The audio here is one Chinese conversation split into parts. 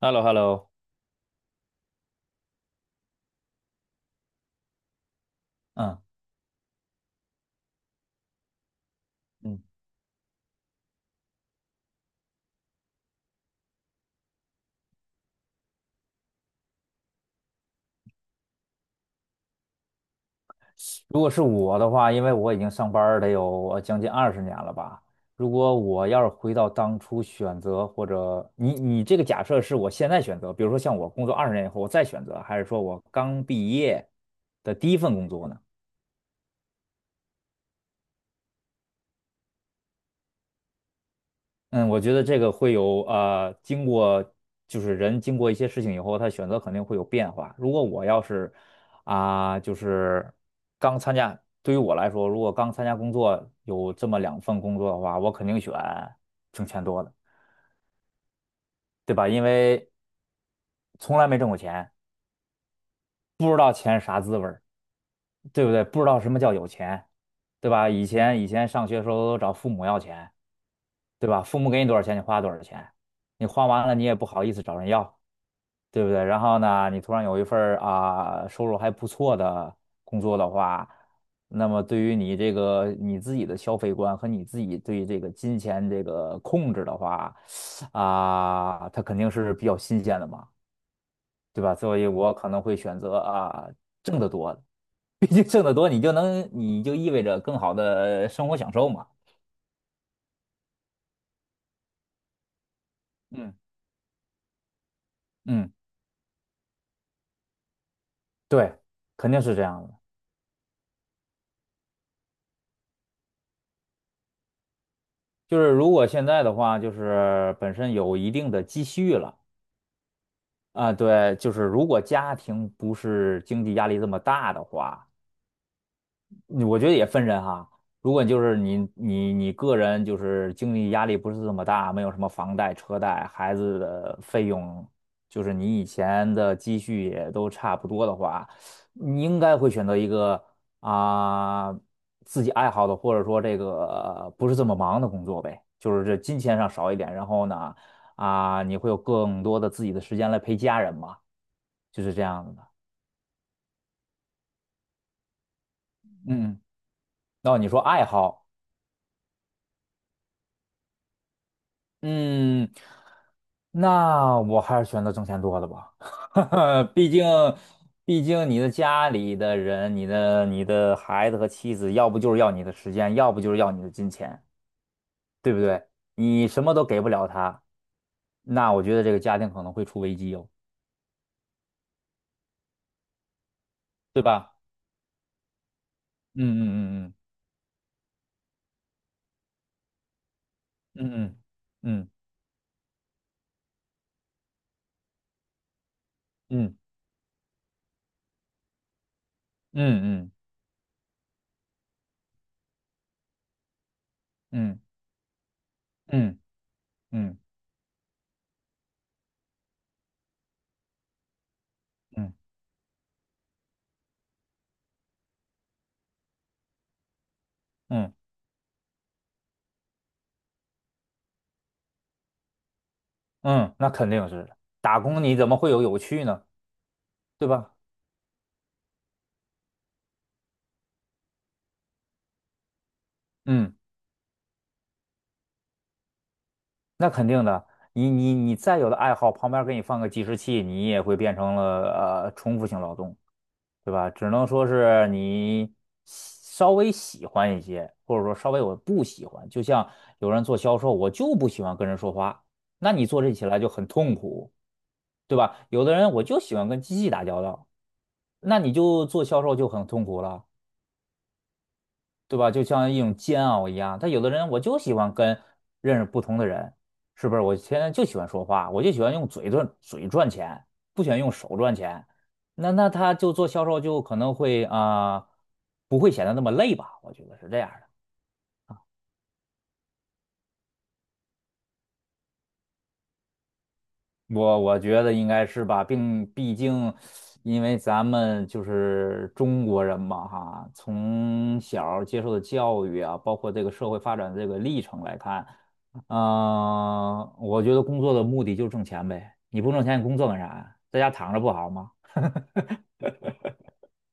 h e l l o h e l l o。 嗯嗯，如果是我的话，因为我已经上班儿得有将近二十年了吧。如果我要是回到当初选择，或者你这个假设是我现在选择，比如说像我工作二十年以后我再选择，还是说我刚毕业的第一份工作呢？嗯，我觉得这个会有经过就是人经过一些事情以后，他选择肯定会有变化。如果我要是就是刚参加，对于我来说，如果刚参加工作有这么两份工作的话，我肯定选挣钱多的，对吧？因为从来没挣过钱，不知道钱是啥滋味儿，对不对？不知道什么叫有钱，对吧？以前上学的时候都找父母要钱，对吧？父母给你多少钱，你花多少钱，你花完了你也不好意思找人要。对不对？然后呢，你突然有一份儿收入还不错的工作的话，那么对于你这个你自己的消费观和你自己对这个金钱这个控制的话，它肯定是比较新鲜的嘛，对吧？所以我可能会选择挣得多的，毕竟挣得多，你就意味着更好的生活享受嘛。嗯嗯，对，肯定是这样的。就是如果现在的话，就是本身有一定的积蓄了。对，就是如果家庭不是经济压力这么大的话，嗯我觉得也分人哈。如果就是你个人就是经济压力不是这么大，没有什么房贷、车贷、孩子的费用，就是你以前的积蓄也都差不多的话，你应该会选择一个啊、自己爱好的，或者说这个不是这么忙的工作呗，就是这金钱上少一点，然后呢你会有更多的自己的时间来陪家人嘛。就是这样子的。嗯，那你说爱好。嗯，那我还是选择挣钱多的吧。毕竟，你的家里的人，你的孩子和妻子，要不就是要你的时间，要不就是要你的金钱，对不对？你什么都给不了他，那我觉得这个家庭可能会出危机哟，对吧？嗯嗯嗯嗯嗯嗯嗯嗯嗯嗯嗯嗯嗯嗯嗯。嗯嗯，那肯定是的，打工，你怎么会有有趣呢？对吧？嗯，那肯定的。你再有的爱好，旁边给你放个计时器，你也会变成了重复性劳动，对吧？只能说是你稍微喜欢一些，或者说稍微我不喜欢。就像有人做销售，我就不喜欢跟人说话，那你做这起来就很痛苦，对吧？有的人我就喜欢跟机器打交道，那你就做销售就很痛苦了。对吧？就像一种煎熬一样。他有的人我就喜欢跟认识不同的人，是不是？我现在就喜欢说话，我就喜欢用嘴赚嘴赚钱，不喜欢用手赚钱。那他就做销售就可能会不会显得那么累吧？我觉得是这样的。我觉得应该是吧，毕竟，因为咱们就是中国人嘛，哈，从小儿接受的教育啊，包括这个社会发展这个历程来看，嗯、我觉得工作的目的就是挣钱呗。你不挣钱，你工作干啥呀？在家躺着不好吗？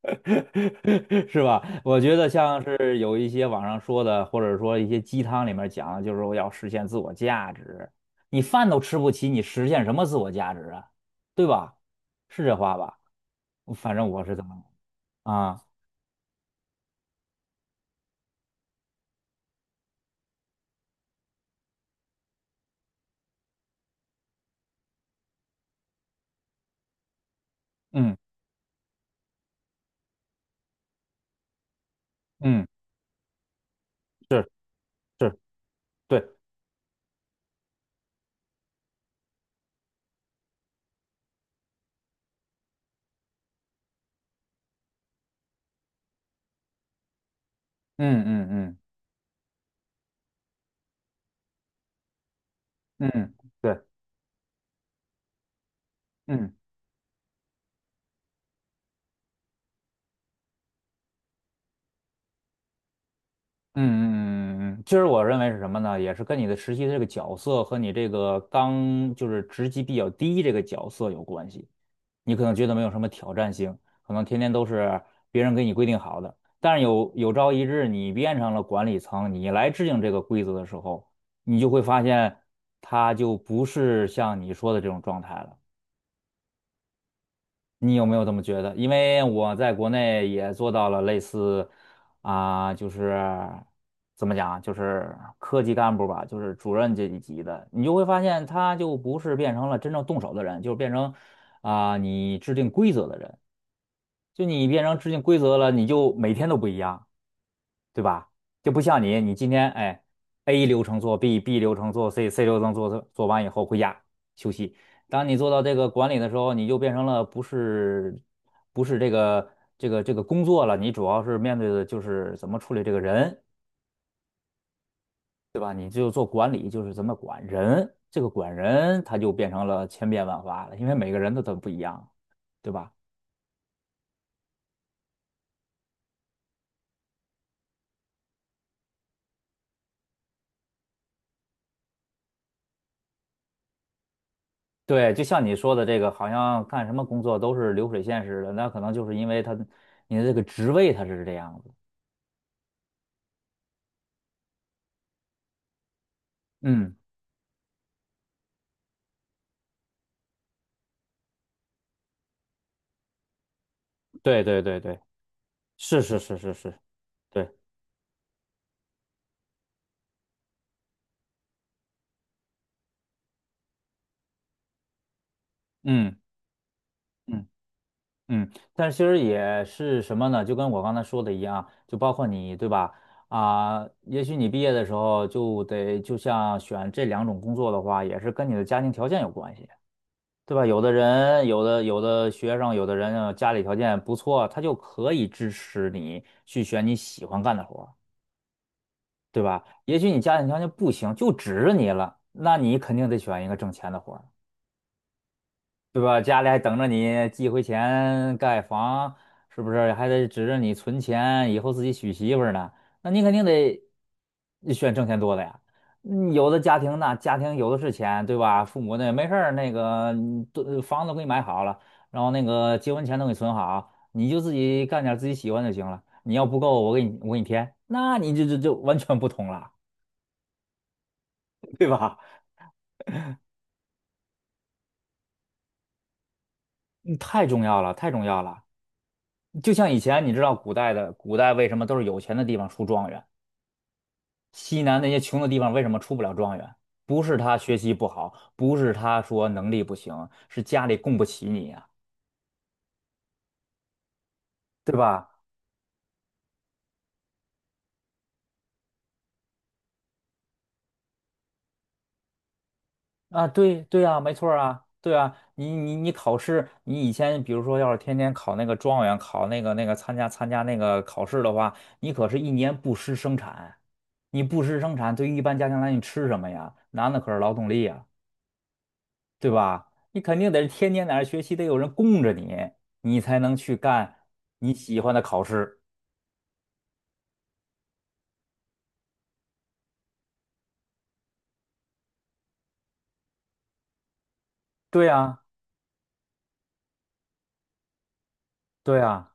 是吧？我觉得像是有一些网上说的，或者说一些鸡汤里面讲，就是我要实现自我价值。你饭都吃不起，你实现什么自我价值啊？对吧？是这话吧？反正我是这么啊，嗯嗯，是是，对，嗯嗯嗯嗯，对，嗯。嗯嗯嗯嗯，嗯，其实我认为是什么呢？也是跟你的实习的这个角色和你这个就是职级比较低这个角色有关系。你可能觉得没有什么挑战性，可能天天都是别人给你规定好的。但是有朝一日你变成了管理层，你来制定这个规则的时候，你就会发现它就不是像你说的这种状态了。你有没有这么觉得？因为我在国内也做到了类似就是怎么讲啊，就是科级干部吧，就是主任这一级的，你就会发现他就不是变成了真正动手的人，就是变成你制定规则的人。就你变成制定规则了，你就每天都不一样。对吧？就不像你，你今天哎，A 流程做 B，B 流程做 C，C 流程做做完以后回家休息。当你做到这个管理的时候，你就变成了不是这个工作了，你主要是面对的就是怎么处理这个人，对吧？你就做管理，就是怎么管人，这个管人他就变成了千变万化了，因为每个人都不一样，对吧？对，就像你说的这个，好像干什么工作都是流水线似的，那可能就是因为他你的这个职位他是这样子。嗯，对对对对，是是是是是，对，嗯嗯嗯，但是其实也是什么呢？就跟我刚才说的一样，就包括你，对吧？也许你毕业的时候就得，就像选这两种工作的话，也是跟你的家庭条件有关系，对吧？有的人，有的学生，有的人家里条件不错，他就可以支持你去选你喜欢干的活儿，对吧？也许你家庭条件不行，就指着你了，那你肯定得选一个挣钱的活儿。对吧？家里还等着你寄回钱盖房，是不是？还得指着你存钱，以后自己娶媳妇儿呢。那你肯定得选挣钱多的呀。嗯有的家庭那家庭有的是钱，对吧？父母那没事儿，那个嗯都房子都给你买好了，然后那个结婚钱都给你存好，你就自己干点自己喜欢就行了。你要不够，我给你添，那你这就完全不同了，对吧？嗯太重要了，太重要了。就像以前，你知道古代为什么都是有钱的地方出状元？西南那些穷的地方为什么出不了状元？不是他学习不好，不是他说能力不行，是家里供不起你呀、对吧？啊，对对啊，没错儿啊，对啊，你考试，你以前比如说要是天天考那个状元，考那个参加那个考试的话，你可是一年不施生产，你不施生产，对于一般家庭来说，你吃什么呀？男的可是劳动力呀、对吧？你肯定得是天天在那儿学习，得有人供着你，你才能去干你喜欢的考试。对呀，对呀，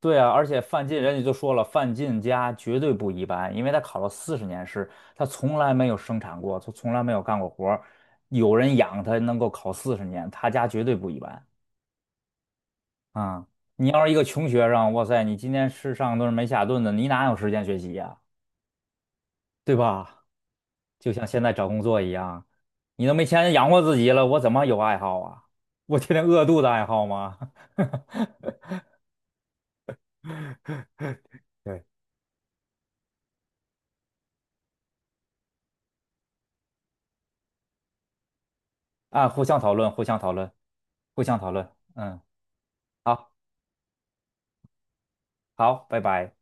对呀。而且范进人家就说了，范进家绝对不一般，因为他考了四十年试，他从来没有生产过，他从来没有干过活儿，有人养他能够考四十年，他家绝对不一般啊。你要是一个穷学生，哇塞，你今天吃上顿没下顿的，你哪有时间学习呀？对吧？就像现在找工作一样，你都没钱养活自己了，我怎么有爱好啊？我天天饿肚子爱好吗？对，啊，互相讨论，互相讨论，互相讨论。嗯，好，好，拜拜。